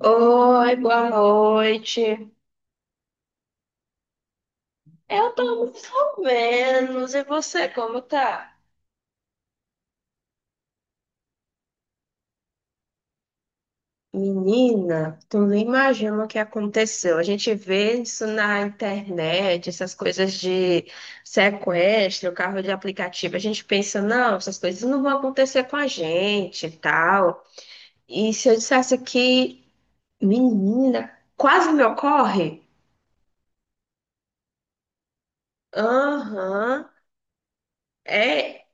Oi, boa noite. Eu tô mais ou menos. E você, como tá? Menina, tu não imagina o que aconteceu. A gente vê isso na internet, essas coisas de sequestro, carro de aplicativo. A gente pensa, não, essas coisas não vão acontecer com a gente e tal. E se eu dissesse que, menina, quase me ocorre? Aham. É,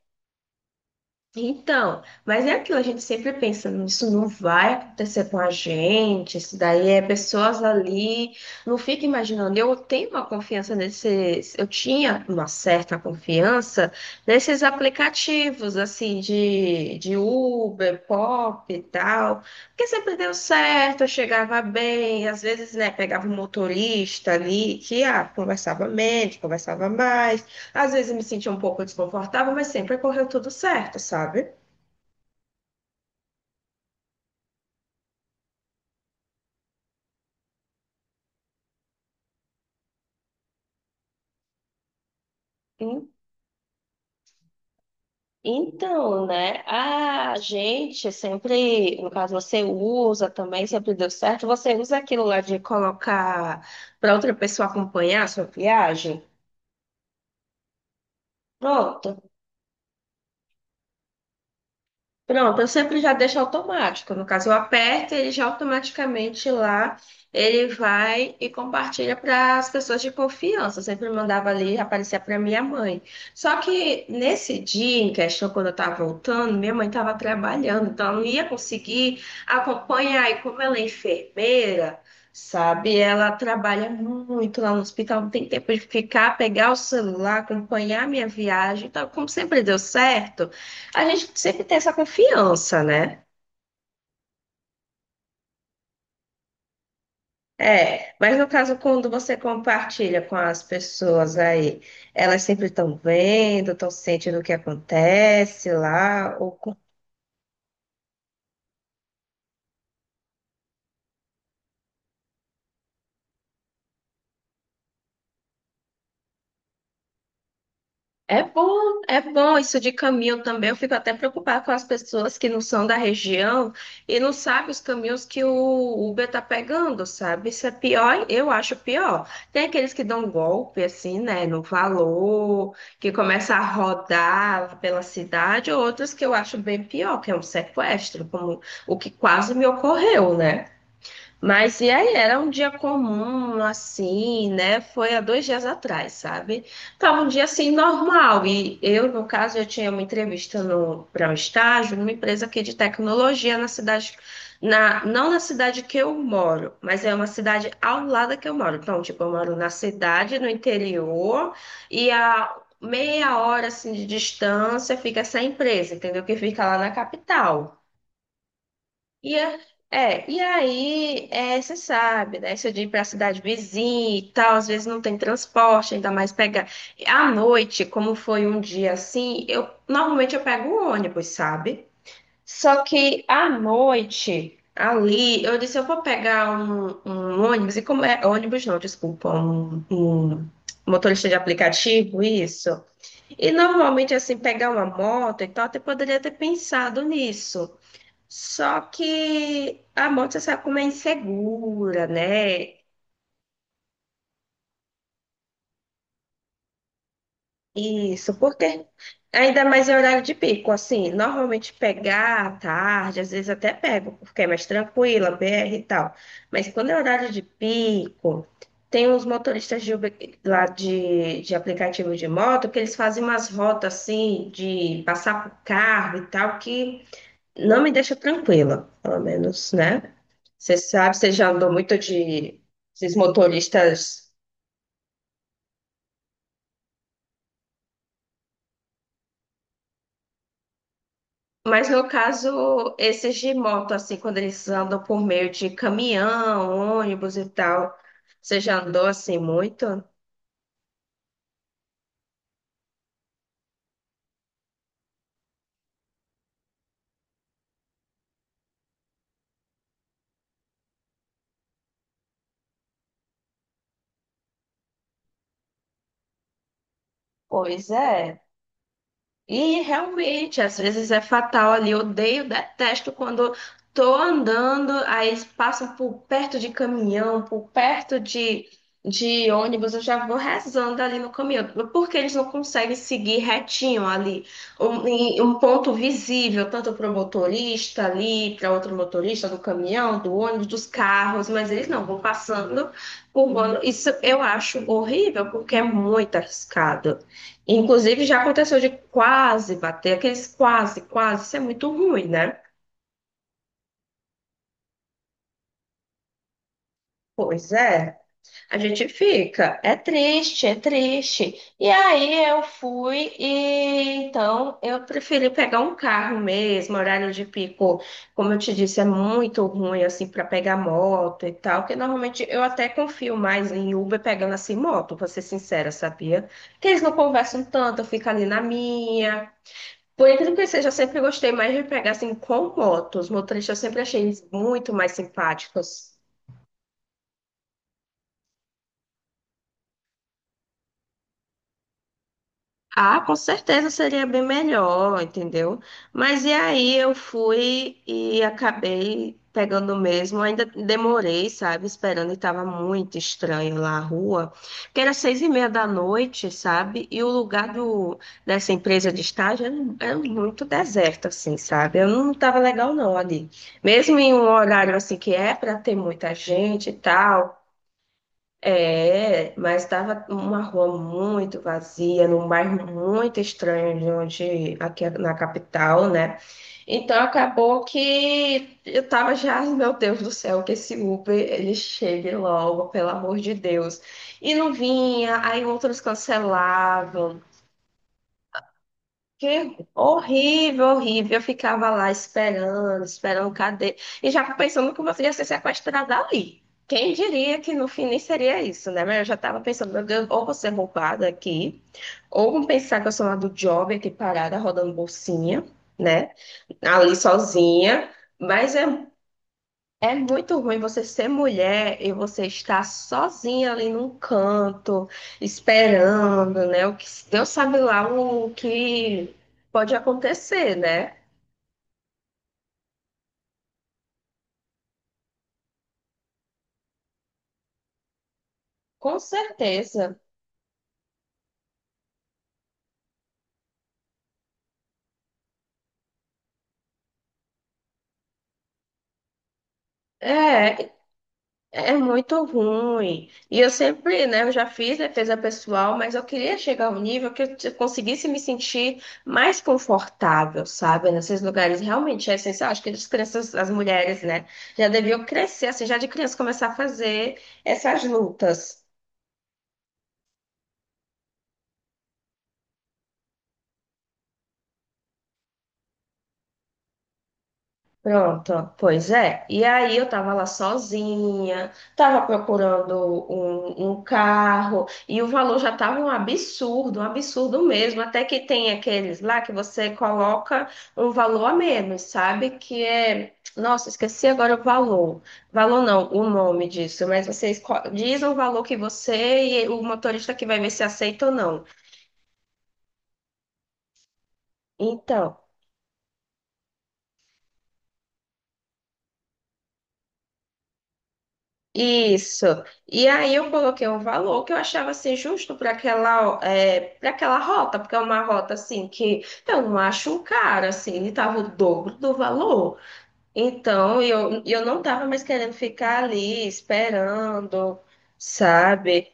então, mas é aquilo, a gente sempre pensa, isso não vai acontecer com a gente, isso daí é pessoas ali, não fica imaginando, eu tenho uma confiança nesses, eu tinha uma certa confiança nesses aplicativos, assim, de Uber, Pop e tal, porque sempre deu certo, eu chegava bem, às vezes, né, pegava um motorista ali, que, ah, conversava menos, conversava mais, às vezes eu me sentia um pouco desconfortável, mas sempre correu tudo certo, sabe? En- Então, né? A gente sempre, no caso, você usa também, sempre deu certo. Você usa aquilo lá de colocar para outra pessoa acompanhar a sua viagem. Pronto. Pronto, eu sempre já deixo automático. No caso, eu aperto, e ele já automaticamente lá, ele vai e compartilha para as pessoas de confiança. Eu sempre mandava ali, aparecia para minha mãe. Só que nesse dia em questão, quando eu estava voltando, minha mãe estava trabalhando, então eu não ia conseguir acompanhar. E como ela é enfermeira, sabe, ela trabalha muito lá no hospital, não tem tempo de ficar, pegar o celular, acompanhar a minha viagem. Então, como sempre deu certo. A gente sempre tem essa confiança, né? É, mas no caso, quando você compartilha com as pessoas aí, elas sempre estão vendo, estão sentindo o que acontece lá, ou é bom, é bom isso de caminho também. Eu fico até preocupada com as pessoas que não são da região e não sabem os caminhos que o Uber tá pegando, sabe? Isso é pior, eu acho pior. Tem aqueles que dão golpe, assim, né, no valor, que começa a rodar pela cidade, outros que eu acho bem pior, que é um sequestro, como o que quase me ocorreu, né? Mas e aí, era um dia comum, assim, né? Foi há dois dias atrás, sabe? Tava um dia assim normal. E eu, no caso, eu tinha uma entrevista para um estágio numa empresa aqui de tecnologia na cidade, na, não na cidade que eu moro, mas é uma cidade ao lado da que eu moro. Então, tipo, eu moro na cidade, no interior, e a meia hora assim de distância fica essa empresa, entendeu? Que fica lá na capital. E, a- é, e aí, é, você sabe, né? Se eu de ir para a cidade vizinha e tal, às vezes não tem transporte, ainda mais pegar. À noite, como foi um dia assim, eu normalmente eu pego o ônibus, sabe? Só que à noite, ali, eu disse, eu vou pegar um ônibus, e como é ônibus não, desculpa, um motorista de aplicativo, isso. E normalmente, assim, pegar uma moto e tal, até poderia ter pensado nisso. Só que a moto sabe como é insegura, né? Isso, porque ainda mais em horário de pico, assim, normalmente pegar à tarde, às vezes até pego, porque é mais tranquila, BR e tal. Mas quando é horário de pico, tem uns motoristas de Uber, lá de aplicativo de moto que eles fazem umas rotas assim, de passar por carro e tal, que não me deixa tranquila, pelo menos, né? Você sabe, você já andou muito de esses motoristas, mas no caso, esses de moto, assim, quando eles andam por meio de caminhão, ônibus e tal, você já andou assim muito? Pois é. E realmente, às vezes é fatal ali. Eu odeio, detesto quando tô andando, aí eles passam por perto de caminhão, por perto de ônibus, eu já vou rezando ali no caminhão. Porque eles não conseguem seguir retinho ali, um, em um ponto visível, tanto para o motorista ali, para outro motorista do caminhão, do ônibus, dos carros, mas eles não vão passando por. Isso eu acho horrível, porque é muito arriscado. Inclusive, já aconteceu de quase bater, aqueles quase, quase, isso é muito ruim, né? Pois é, a gente fica, é triste, é triste. E aí eu fui e então eu preferi pegar um carro mesmo, horário de pico, como eu te disse, é muito ruim assim para pegar moto e tal, que normalmente eu até confio mais em Uber pegando assim moto, pra ser sincera, sabia? Que eles não conversam tanto, eu fico ali na minha. Por incrível que seja, eu sempre gostei mais de pegar assim com motos. Os motoristas eu sempre achei eles muito mais simpáticos. Ah, com certeza seria bem melhor, entendeu? Mas e aí eu fui e acabei pegando mesmo, ainda demorei, sabe, esperando e tava muito estranho lá a rua, que era seis e meia da noite, sabe? E o lugar do, dessa empresa de estágio era, era muito deserto, assim, sabe? Eu não tava legal não ali. Mesmo em um horário assim que é para ter muita gente e tal, é, mas estava uma rua muito vazia, num bairro muito estranho de onde, aqui na capital, né? Então acabou que eu tava já, "Ai, meu Deus do céu, que esse Uber ele chegue logo, pelo amor de Deus. E não vinha, aí outros cancelavam. Que horrível, horrível. Eu ficava lá esperando, esperando, cadê? E já pensando que você ia ser sequestrada ali. Quem diria que no fim nem seria isso, né? Mas eu já estava pensando, meu Deus, ou vou ser roubada aqui, ou vão pensar que eu sou lá do job aqui parada, rodando bolsinha, né? Ali sozinha. Mas é é muito ruim você ser mulher e você estar sozinha ali num canto, esperando, né? O que Deus sabe lá o que pode acontecer, né? Com certeza. É, é muito ruim. E eu sempre, né, eu já fiz defesa pessoal, mas eu queria chegar a um nível que eu conseguisse me sentir mais confortável, sabe? Nesses lugares realmente é essencial. Acho que as crianças, as mulheres, né, já deviam crescer, assim, já de criança começar a fazer essas lutas. Pronto, ó, pois é. E aí eu tava lá sozinha, tava procurando um carro, e o valor já tava um absurdo mesmo. Até que tem aqueles lá que você coloca um valor a menos, sabe? Que é. Nossa, esqueci agora o valor. Valor não, o nome disso, mas você diz o valor que você e o motorista que vai ver se aceita ou não. Então. Isso. E aí eu coloquei um valor que eu achava assim justo para aquela, é, para aquela rota, porque é uma rota assim que então, eu não acho caro, assim, ele tava o dobro do valor. Então eu não tava mais querendo ficar ali esperando, sabe?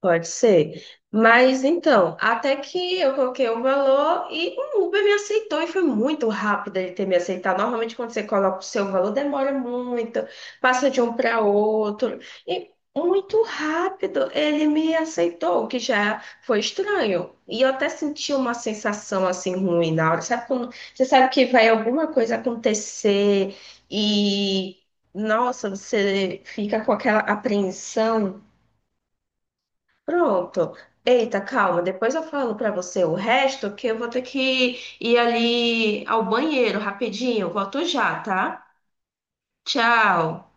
Pode ser. Mas então, até que eu coloquei o valor e o Uber me aceitou e foi muito rápido ele ter me aceitado. Normalmente, quando você coloca o seu valor, demora muito, passa de um para outro. E muito rápido ele me aceitou, o que já foi estranho. E eu até senti uma sensação assim ruim na hora. Sabe quando você sabe que vai alguma coisa acontecer e, nossa, você fica com aquela apreensão. Pronto. Eita, calma. Depois eu falo pra você o resto, que eu vou ter que ir ali ao banheiro rapidinho. Volto já, tá? Tchau.